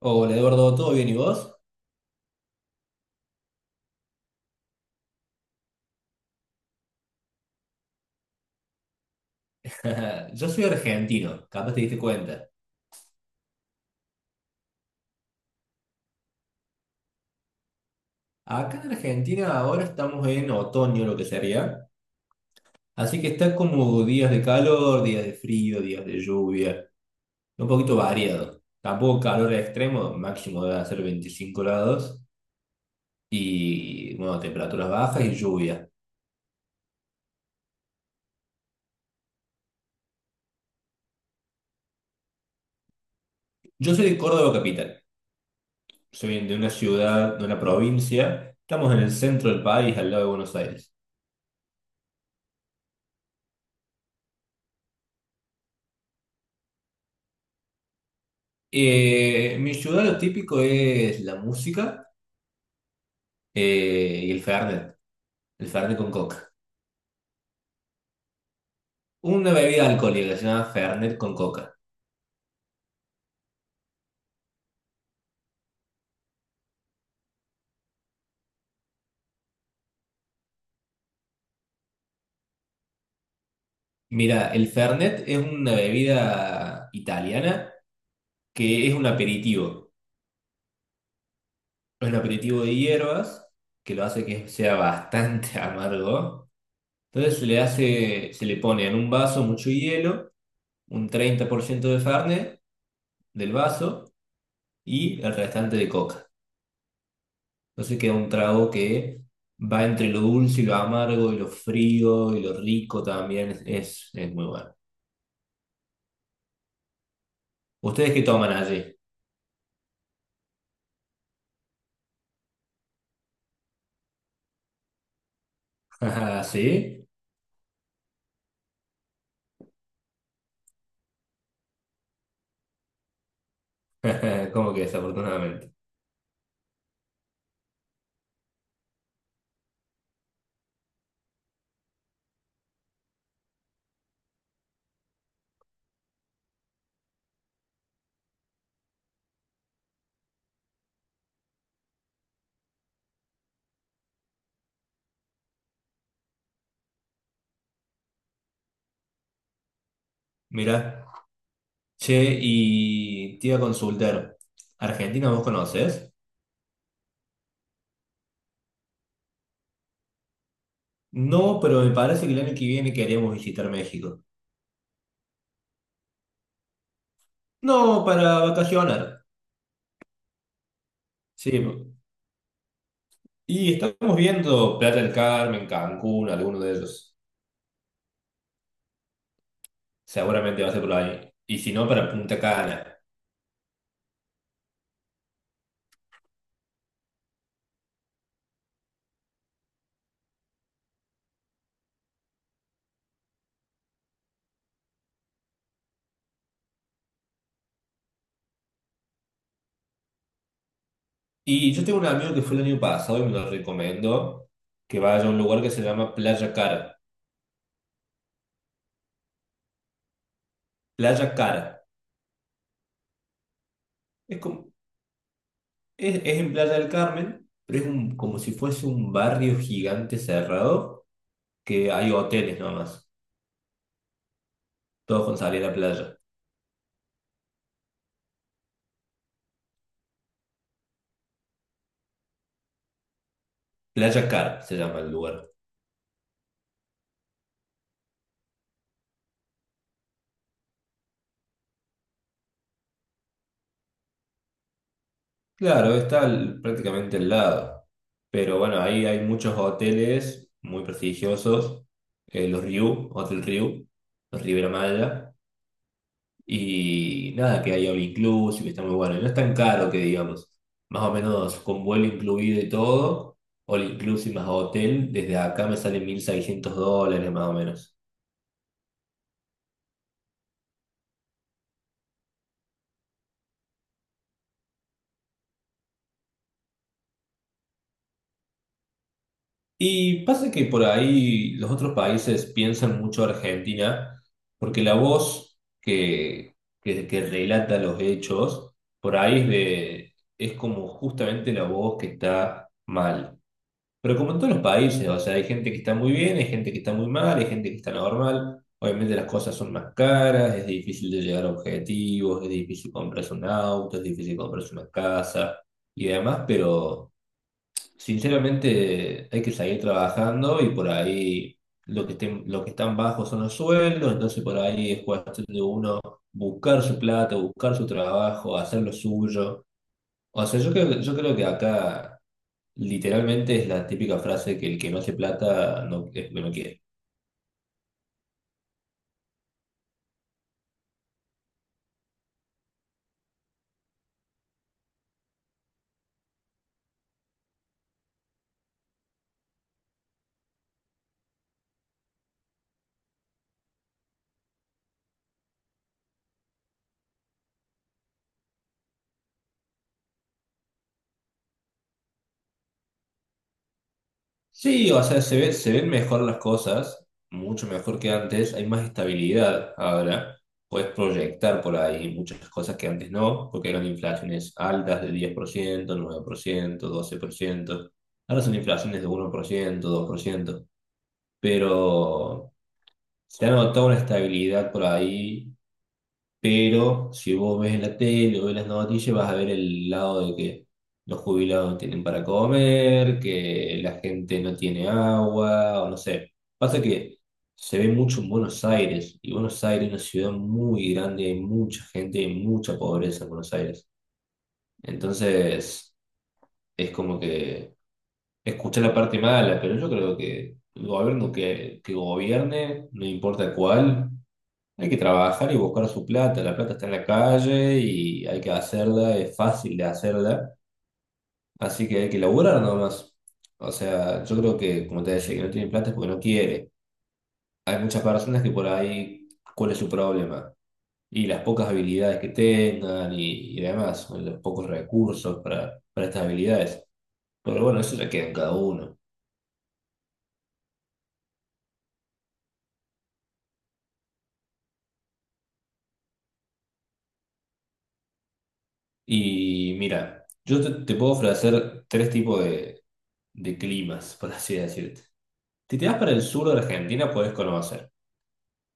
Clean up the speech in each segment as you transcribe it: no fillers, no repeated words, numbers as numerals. Hola Eduardo, ¿todo bien y vos? Yo soy argentino, capaz te diste cuenta. Acá en Argentina ahora estamos en otoño, lo que sería. Así que está como días de calor, días de frío, días de lluvia, un poquito variado. Tampoco calor extremo, máximo debe ser 25 grados y bueno, temperaturas bajas y lluvia. Yo soy de Córdoba capital, soy de una ciudad, de una provincia. Estamos en el centro del país, al lado de Buenos Aires. Mi ciudad lo típico es la música. Y el Fernet con coca. Una bebida alcohólica se llama Fernet con coca. Mira, el Fernet es una bebida italiana que es un aperitivo. Es un aperitivo de hierbas que lo hace que sea bastante amargo. Entonces se le hace, se le pone en un vaso mucho hielo, un 30% de Fernet del vaso y el restante de coca. Entonces queda un trago que va entre lo dulce y lo amargo y lo frío y lo rico también. Es muy bueno. ¿Ustedes qué toman allí? ¿Sí? ¿Cómo que desafortunadamente? Mira, che, y te iba a consultar. ¿Argentina vos conocés? No, pero me parece que el año que viene queremos visitar México. No, para vacacionar. Sí, y estamos viendo Playa del Carmen, Cancún, alguno de ellos. Seguramente va a ser por ahí. Y si no, para Punta Cana. Y yo tengo un amigo que fue el año pasado y me lo recomendó que vaya a un lugar que se llama Playa Cara. Playa Cara. Es, como, es en Playa del Carmen, pero es un, como si fuese un barrio gigante cerrado que hay hoteles nomás, todos con salida a la playa. Playa Cara se llama el lugar. Claro, prácticamente al lado. Pero bueno, ahí hay muchos hoteles muy prestigiosos. Los Riu, Hotel Riu, los Riviera Maya. Y nada, que hay all inclusive, que está muy bueno. Y no es tan caro que digamos, más o menos con vuelo incluido y todo, all inclusive más hotel, desde acá me sale 1.600 dólares más o menos. Y pasa que por ahí los otros países piensan mucho Argentina, porque la voz que, que relata los hechos, por ahí es de, es como justamente la voz que está mal. Pero como en todos los países, o sea, hay gente que está muy bien, hay gente que está muy mal, hay gente que está normal. Obviamente las cosas son más caras, es difícil de llegar a objetivos, es difícil comprarse un auto, es difícil comprarse una casa y demás, pero sinceramente hay que seguir trabajando y por ahí lo que están bajos son los sueldos, entonces por ahí es cuestión de uno buscar su plata, buscar su trabajo, hacer lo suyo. O sea, yo creo que acá literalmente es la típica frase que el que no hace plata no, es lo que no quiere. Sí, o sea, se ven mejor las cosas, mucho mejor que antes, hay más estabilidad ahora, puedes proyectar por ahí muchas cosas que antes no, porque eran inflaciones altas de diez por ciento, 109%, 12%. Ahora son inflaciones de 1%, 2%, pero se ha notado una estabilidad por ahí. Pero si vos ves en la tele o ves las noticias, vas a ver el lado de que los jubilados no tienen para comer, que la gente no tiene agua, o no sé. Pasa que se ve mucho en Buenos Aires, y Buenos Aires es una ciudad muy grande, hay mucha gente, hay mucha pobreza en Buenos Aires. Entonces, es como que escuché la parte mala, pero yo creo que el gobierno que gobierne, no importa cuál. Hay que trabajar y buscar su plata. La plata está en la calle y hay que hacerla, es fácil de hacerla. Así que hay que laburar nomás. O sea, yo creo que, como te decía, que no tiene plata es porque no quiere. Hay muchas personas que por ahí, ¿cuál es su problema? Y las pocas habilidades que tengan y demás, o los pocos recursos para estas habilidades. Pero bueno, eso ya queda en cada uno. Y mira, yo te puedo ofrecer tres tipos de climas, por así decirte. Si te vas para el sur de Argentina, puedes conocer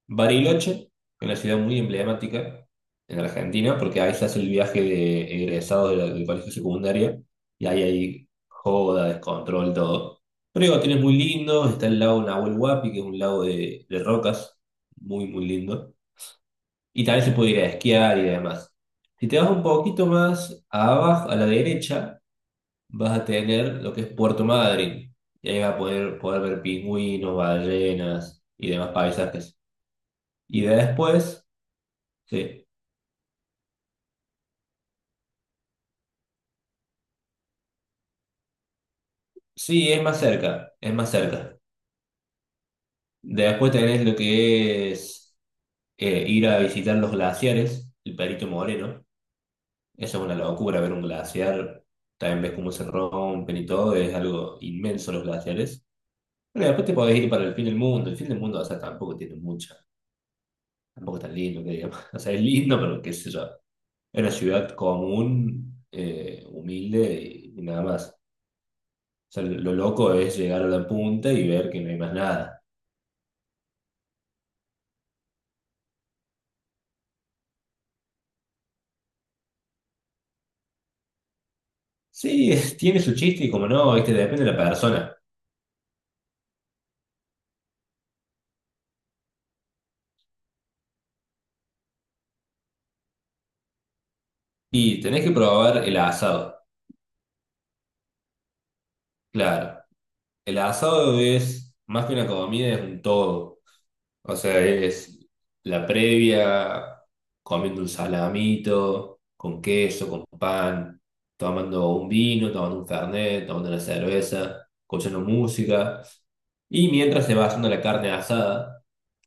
Bariloche, una ciudad muy emblemática en Argentina, porque ahí se hace el viaje de egresados de del colegio secundario, y ahí hay joda, descontrol, todo. Pero digo, tienes muy lindo, está el lago Nahuel Huapi, que es un lago de rocas, muy, muy lindo. Y también se puede ir a esquiar y demás. Si te vas un poquito más abajo, a la derecha, vas a tener lo que es Puerto Madryn. Y ahí vas a poder ver pingüinos, ballenas y demás paisajes. Y después, sí, sí, es más cerca, es más cerca. Después tenés lo que es ir a visitar los glaciares, el Perito Moreno. Eso es una locura, ver un glaciar. También ves cómo se rompen y todo, es algo inmenso los glaciares. Pero después te podés ir para el fin del mundo. El fin del mundo, o sea, tampoco tiene mucha, tampoco es tan lindo que digamos. O sea, es lindo, pero qué sé yo. Era una ciudad común, humilde y nada más. O sea, lo loco es llegar a la punta y ver que no hay más nada. Sí, tiene su chiste y como no, este depende de la persona. Y tenés que probar el asado. Claro, el asado es más que una comida, es un todo. O sea, es la previa, comiendo un salamito, con queso, con pan, tomando un vino, tomando un fernet, tomando una cerveza, escuchando música. Y mientras se va haciendo la carne asada,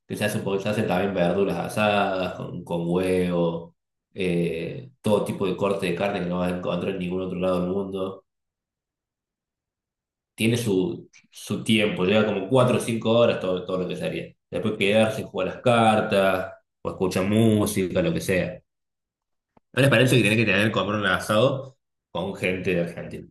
que se hace, porque se hacen también verduras asadas, con huevo, todo tipo de corte de carne que no vas a encontrar en ningún otro lado del mundo. Tiene su tiempo, lleva como 4 o 5 horas, todo lo que sería. Después quedarse, jugar las cartas, o escuchar música, lo que sea. Una experiencia que tiene que tener, comprar un asado con gente de Argentina.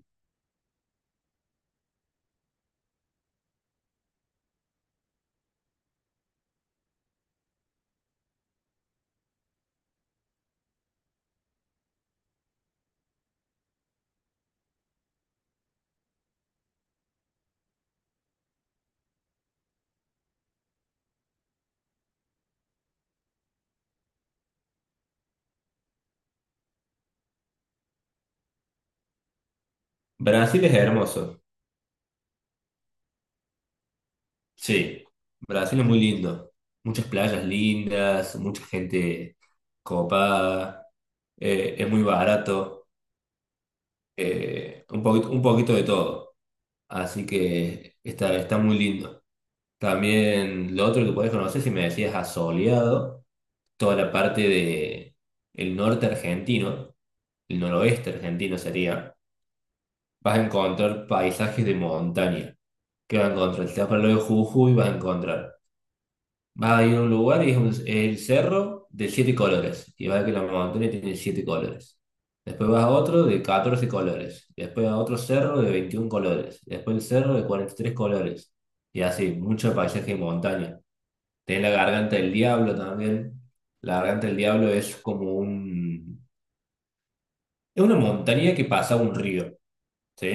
Brasil es hermoso, sí. Brasil es muy lindo. Muchas playas lindas, mucha gente copada, es muy barato, un poquito de todo. Así que está muy lindo. También lo otro que podés conocer, si me decías a Soleado, toda la parte de el norte argentino, el noroeste argentino sería, vas a encontrar paisajes de montaña. ¿Qué vas a encontrar? Si te vas para el lado de Jujuy, vas a encontrar. Vas a ir a un lugar y es el cerro de siete colores. Y vas a ver que la montaña tiene siete colores. Después vas a otro de 14 colores. Después a otro cerro de 21 colores. Después el cerro de 43 colores. Y así, mucho paisaje de montaña. Tenés la garganta del diablo también. La garganta del diablo es como un... Es una montaña que pasa un río, ¿sí?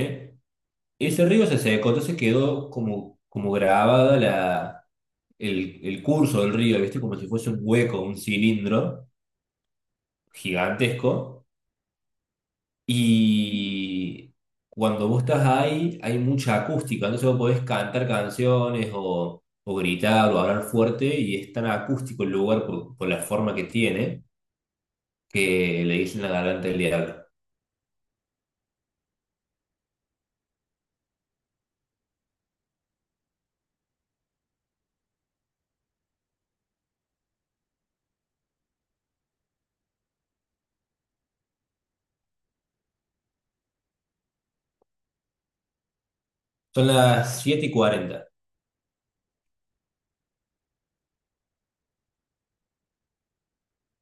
Ese río se secó, entonces quedó como, como grabada el curso del río, ¿viste? Como si fuese un hueco, un cilindro gigantesco. Y cuando vos estás ahí, hay mucha acústica, entonces vos podés cantar canciones o gritar o hablar fuerte y es tan acústico el lugar por la forma que tiene que le dicen la garganta del diablo. Son las 7:40.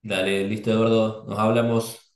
Dale, listo, Eduardo. Nos hablamos.